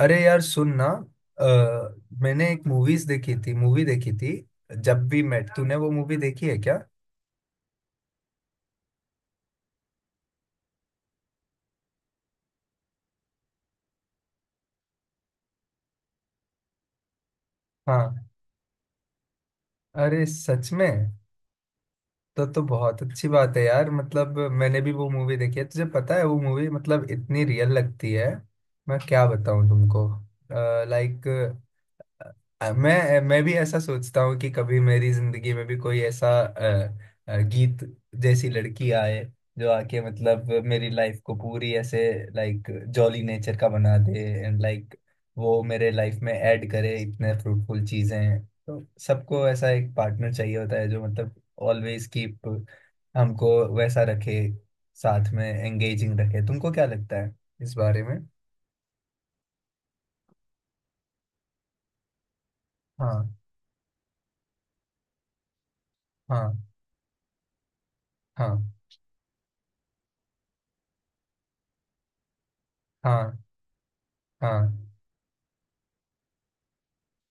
अरे यार सुन ना। अ, मैंने एक मूवीज देखी थी, मूवी देखी थी। जब भी मेट, तूने वो मूवी देखी है क्या? हाँ। अरे सच में? तो बहुत अच्छी बात है यार, मतलब मैंने भी वो मूवी देखी है। तुझे पता है वो मूवी मतलब इतनी रियल लगती है। मैं क्या बताऊं तुमको? लाइक मैं भी ऐसा सोचता हूँ कि कभी मेरी जिंदगी में भी कोई ऐसा गीत जैसी लड़की आए, जो आके मतलब मेरी लाइफ को पूरी ऐसे लाइक जॉली नेचर का बना दे। एंड लाइक वो मेरे लाइफ में ऐड करे इतने फ्रूटफुल चीजें। तो सबको ऐसा एक पार्टनर चाहिए होता है जो मतलब ऑलवेज कीप हमको वैसा रखे, साथ में एंगेजिंग रखे। तुमको क्या लगता है इस बारे में? हाँ। हाँ। हाँ। हाँ। हाँ।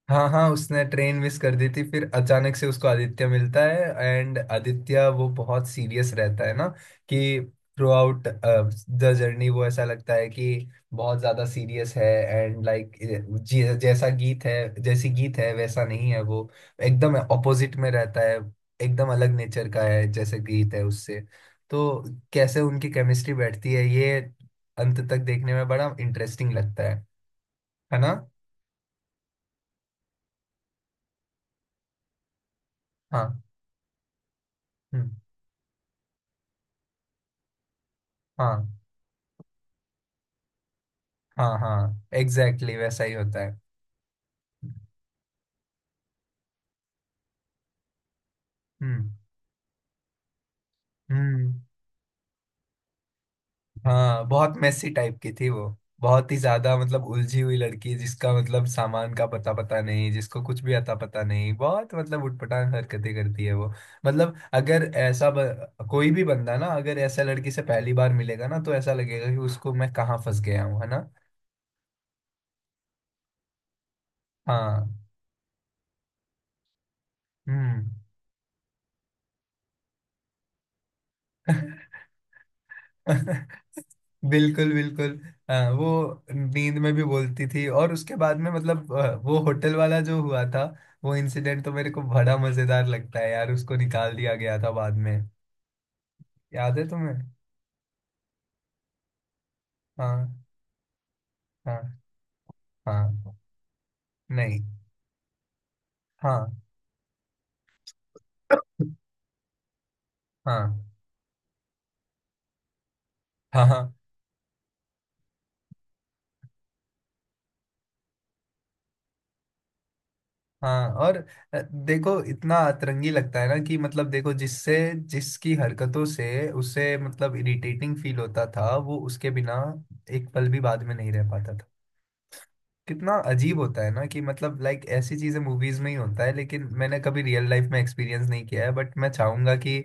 हाँ। हाँ, उसने ट्रेन मिस कर दी थी, फिर अचानक से उसको आदित्य मिलता है। एंड आदित्य वो बहुत सीरियस रहता है ना, कि थ्रू आउट द जर्नी वो ऐसा लगता है कि बहुत ज्यादा सीरियस है। एंड लाइक जैसा गीत है, जैसी गीत है वैसा नहीं है वो। एकदम ऑपोजिट में रहता है। एकदम अलग नेचर का है जैसे गीत है उससे। तो कैसे उनकी केमिस्ट्री बैठती है, ये अंत तक देखने में बड़ा इंटरेस्टिंग लगता है ना? हाँ। हम्म। हाँ। हाँ। हाँ। एग्जैक्टली exactly वैसा ही होता है। हम्म। हम्म। हाँ, बहुत मेसी टाइप की थी वो। बहुत ही ज्यादा, मतलब उलझी हुई लड़की, जिसका मतलब सामान का पता पता नहीं, जिसको कुछ भी अता पता नहीं, बहुत मतलब उटपटांग हरकतें करती है वो। मतलब अगर ऐसा कोई भी बंदा ना, अगर ऐसा लड़की से पहली बार मिलेगा ना तो ऐसा लगेगा कि उसको, मैं कहाँ फंस गया हूँ, है ना? हाँ। हम्म। बिल्कुल बिल्कुल। हाँ, वो नींद में भी बोलती थी और उसके बाद में मतलब वो होटल वाला जो हुआ था, वो इंसिडेंट तो मेरे को बड़ा मजेदार लगता है यार, उसको निकाल दिया गया था बाद में। याद है तुम्हें? हाँ। हाँ। हाँ। नहीं। हाँ। हाँ। हाँ। हाँ। हाँ। और अ, देखो इतना अतरंगी लगता है ना कि मतलब देखो जिससे जिसकी हरकतों से उसे मतलब इरिटेटिंग फील होता था, वो उसके बिना एक पल भी बाद में नहीं रह पाता था। कितना अजीब होता है ना कि मतलब लाइक ऐसी चीजें मूवीज में ही होता है, लेकिन मैंने कभी रियल लाइफ में एक्सपीरियंस नहीं किया है, बट मैं चाहूंगा कि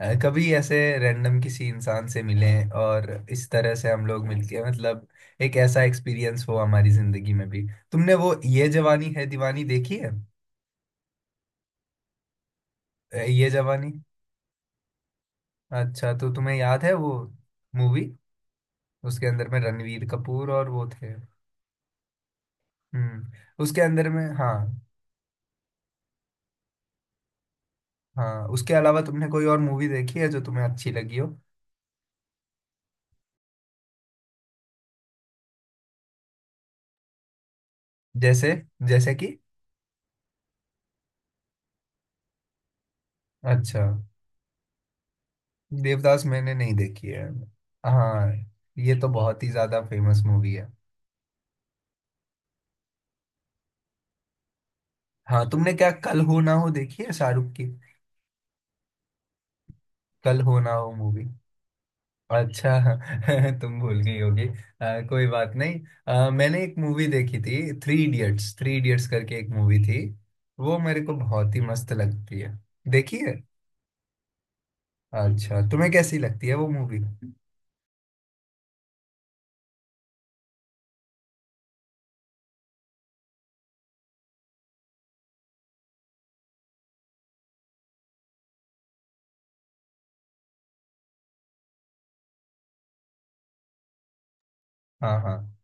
कभी ऐसे रैंडम किसी इंसान से मिलें और इस तरह से हम लोग मिलके, मतलब एक ऐसा एक्सपीरियंस हो हमारी जिंदगी में भी। तुमने वो ये जवानी है दीवानी देखी है? ये जवानी। अच्छा तो तुम्हें याद है वो मूवी, उसके अंदर में रणवीर कपूर और वो थे। हम्म। उसके अंदर में, हाँ। हाँ, उसके अलावा तुमने कोई और मूवी देखी है जो तुम्हें अच्छी लगी हो? जैसे जैसे कि? अच्छा। देवदास मैंने नहीं देखी है। हाँ, ये तो बहुत ही ज्यादा फेमस मूवी है। हाँ, तुमने क्या कल हो ना हो देखी है शाहरुख की? कल हो ना हो मूवी। अच्छा। तुम भूल गई होगी, कोई बात नहीं। मैंने एक मूवी देखी थी, थ्री इडियट्स, थ्री इडियट्स करके एक मूवी थी। वो मेरे को बहुत ही मस्त लगती है। देखी है? अच्छा तुम्हें कैसी लगती है वो मूवी? हाँ। हाँ।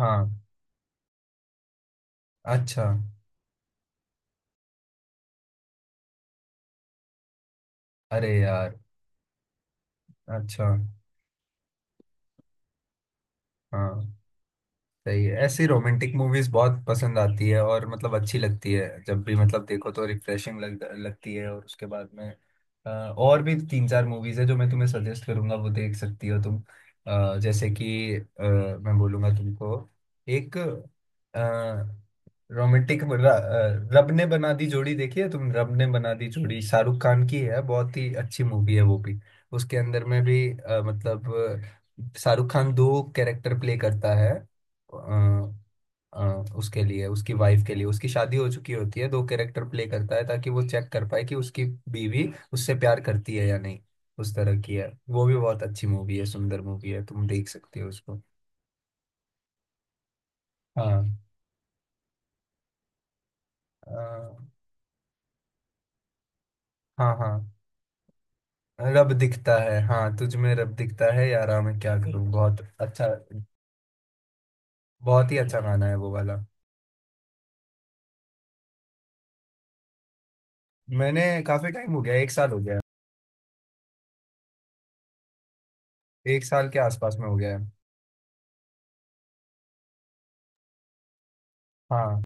हाँ। अच्छा। अरे यार। अच्छा। हाँ। सही है, ऐसी रोमांटिक मूवीज बहुत पसंद आती है और मतलब अच्छी लगती है जब भी मतलब देखो तो रिफ्रेशिंग लगती है। और उसके बाद में और भी तीन चार मूवीज है जो मैं तुम्हें सजेस्ट करूंगा, वो देख सकती हो तुम। जैसे कि मैं बोलूंगा तुमको, एक रोमांटिक, रब ने बना दी जोड़ी देखी है तुम? रब ने बना दी जोड़ी शाहरुख खान की है, बहुत ही अच्छी मूवी है वो भी। उसके अंदर में भी मतलब शाहरुख खान दो कैरेक्टर प्ले करता है। अ, उसके लिए उसकी वाइफ के लिए, उसकी शादी हो चुकी होती है, दो कैरेक्टर प्ले करता है ताकि वो चेक कर पाए कि उसकी बीवी उससे प्यार करती है या नहीं। उस तरह की है वो भी, बहुत अच्छी मूवी है, सुंदर मूवी है, तुम देख सकते हो उसको। हाँ। अ, हाँ। हाँ रब दिखता है, हाँ तुझ में रब दिखता है यारा, मैं क्या करूँ, बहुत अच्छा। बहुत ही अच्छा गाना है वो वाला। मैंने काफी टाइम हो गया, एक साल हो गया है। एक साल के आसपास में हो गया है। हाँ।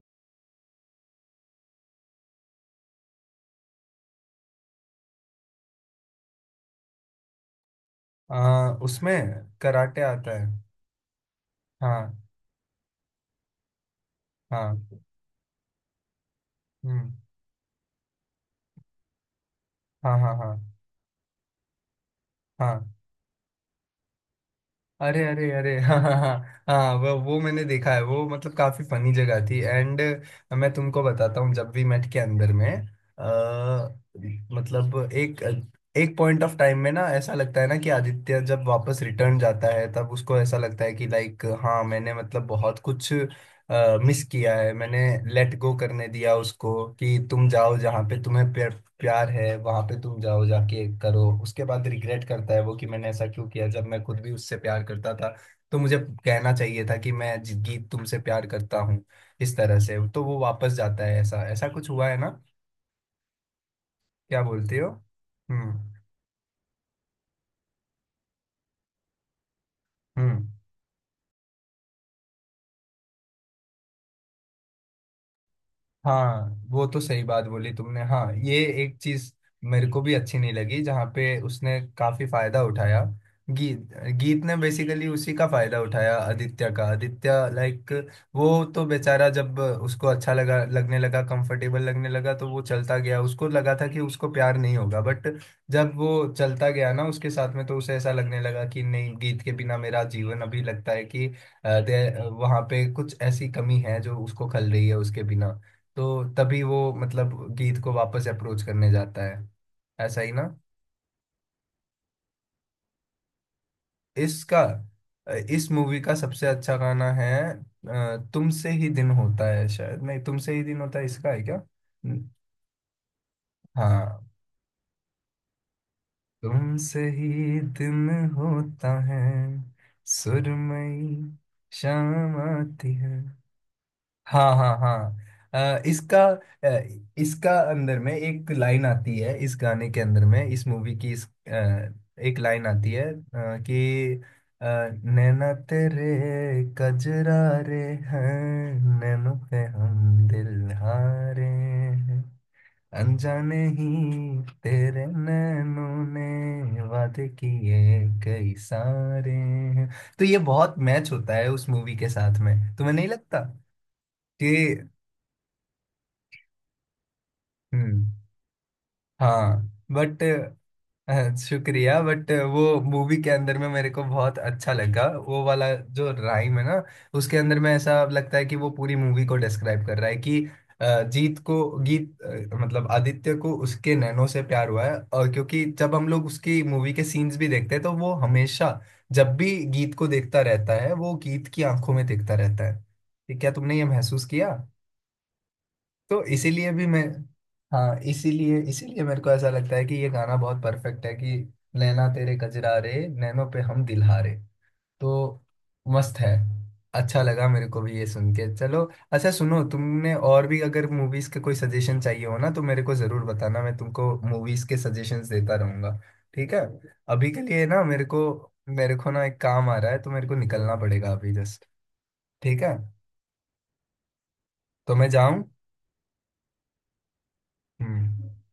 उसमें कराटे आता है। हाँ। हाँ। हम्म। हाँ। हाँ। हाँ। हाँ। अरे अरे अरे, हाँ हाँ हाँ। हाँ वो मैंने देखा है, वो मतलब काफी फनी जगह थी एंड मैं तुमको बताता हूँ। जब भी मेट के अंदर में अ, मतलब एक एक पॉइंट ऑफ टाइम में ना ऐसा लगता है ना कि आदित्य जब वापस रिटर्न जाता है तब उसको ऐसा लगता है कि लाइक हाँ मैंने मतलब बहुत कुछ मिस किया है। मैंने लेट गो करने दिया उसको कि तुम जाओ जहाँ पे तुम्हें प्यार है वहां पे, तुम जाओ जाके करो। उसके बाद रिग्रेट करता है वो कि मैंने ऐसा क्यों किया, जब मैं खुद भी उससे प्यार करता था। तो मुझे कहना चाहिए था कि मैं जिंदगी तुमसे प्यार करता हूँ, इस तरह से। तो वो वापस जाता है, ऐसा ऐसा कुछ हुआ है ना? क्या बोलते हो? हम्म। हम्म। हाँ वो तो सही बात बोली तुमने, हाँ ये एक चीज मेरे को भी अच्छी नहीं लगी जहाँ पे उसने काफी फायदा उठाया। गीत गीत ने बेसिकली उसी का फायदा उठाया, आदित्य का, आदित्य लाइक वो तो बेचारा, जब उसको अच्छा लगा, लगने लगा कंफर्टेबल लगने लगा तो वो चलता गया। उसको लगा था कि उसको प्यार नहीं होगा, बट जब वो चलता गया ना उसके साथ में तो उसे ऐसा लगने लगा कि नहीं, गीत के बिना मेरा जीवन अभी लगता है कि वहाँ पे कुछ ऐसी कमी है जो उसको खल रही है उसके बिना। तो तभी वो मतलब गीत को वापस अप्रोच करने जाता है। ऐसा ही ना? इसका, इस मूवी का सबसे अच्छा गाना है तुमसे ही दिन होता है, शायद, नहीं तुमसे ही दिन होता है इसका है क्या? न- हाँ। तुमसे ही दिन होता है, सुरमई शाम आती है। हाँ हाँ हाँ इसका अ, इसका अंदर में एक लाइन आती है इस गाने के अंदर में, इस मूवी की इस एक लाइन आती है, कि अ, नैना तेरे कजरा रे हैं, नैनों पे हम दिल हारे हैं, अनजाने ही तेरे नैनों ने वादे किए कई सारे हैं। तो ये बहुत मैच होता है उस मूवी के साथ में, तुम्हें नहीं लगता? हम्म। हाँ बट शुक्रिया, बट वो मूवी के अंदर में मेरे को बहुत अच्छा लगा वो वाला जो राइम है ना, उसके अंदर में ऐसा लगता है कि वो पूरी मूवी को डिस्क्राइब कर रहा है कि जीत को गीत मतलब आदित्य को उसके नैनो से प्यार हुआ है। और क्योंकि जब हम लोग उसकी मूवी के सीन्स भी देखते हैं तो वो हमेशा जब भी गीत को देखता रहता है वो गीत की आंखों में देखता रहता है। ठीक है, तुमने ये महसूस किया? तो इसीलिए भी मैं, हाँ इसीलिए इसीलिए मेरे को ऐसा लगता है कि ये गाना बहुत परफेक्ट है कि नैना तेरे कजरा रे नैनों पे हम दिलहारे, तो मस्त है। अच्छा लगा मेरे को भी ये सुन के। चलो अच्छा सुनो, तुमने और भी अगर मूवीज के कोई सजेशन चाहिए हो ना तो मेरे को जरूर बताना, मैं तुमको मूवीज के सजेशंस देता रहूंगा। ठीक है। अभी के लिए ना मेरे को, ना एक काम आ रहा है तो मेरे को निकलना पड़ेगा अभी जस्ट। ठीक है, तो मैं जाऊं। हम्म।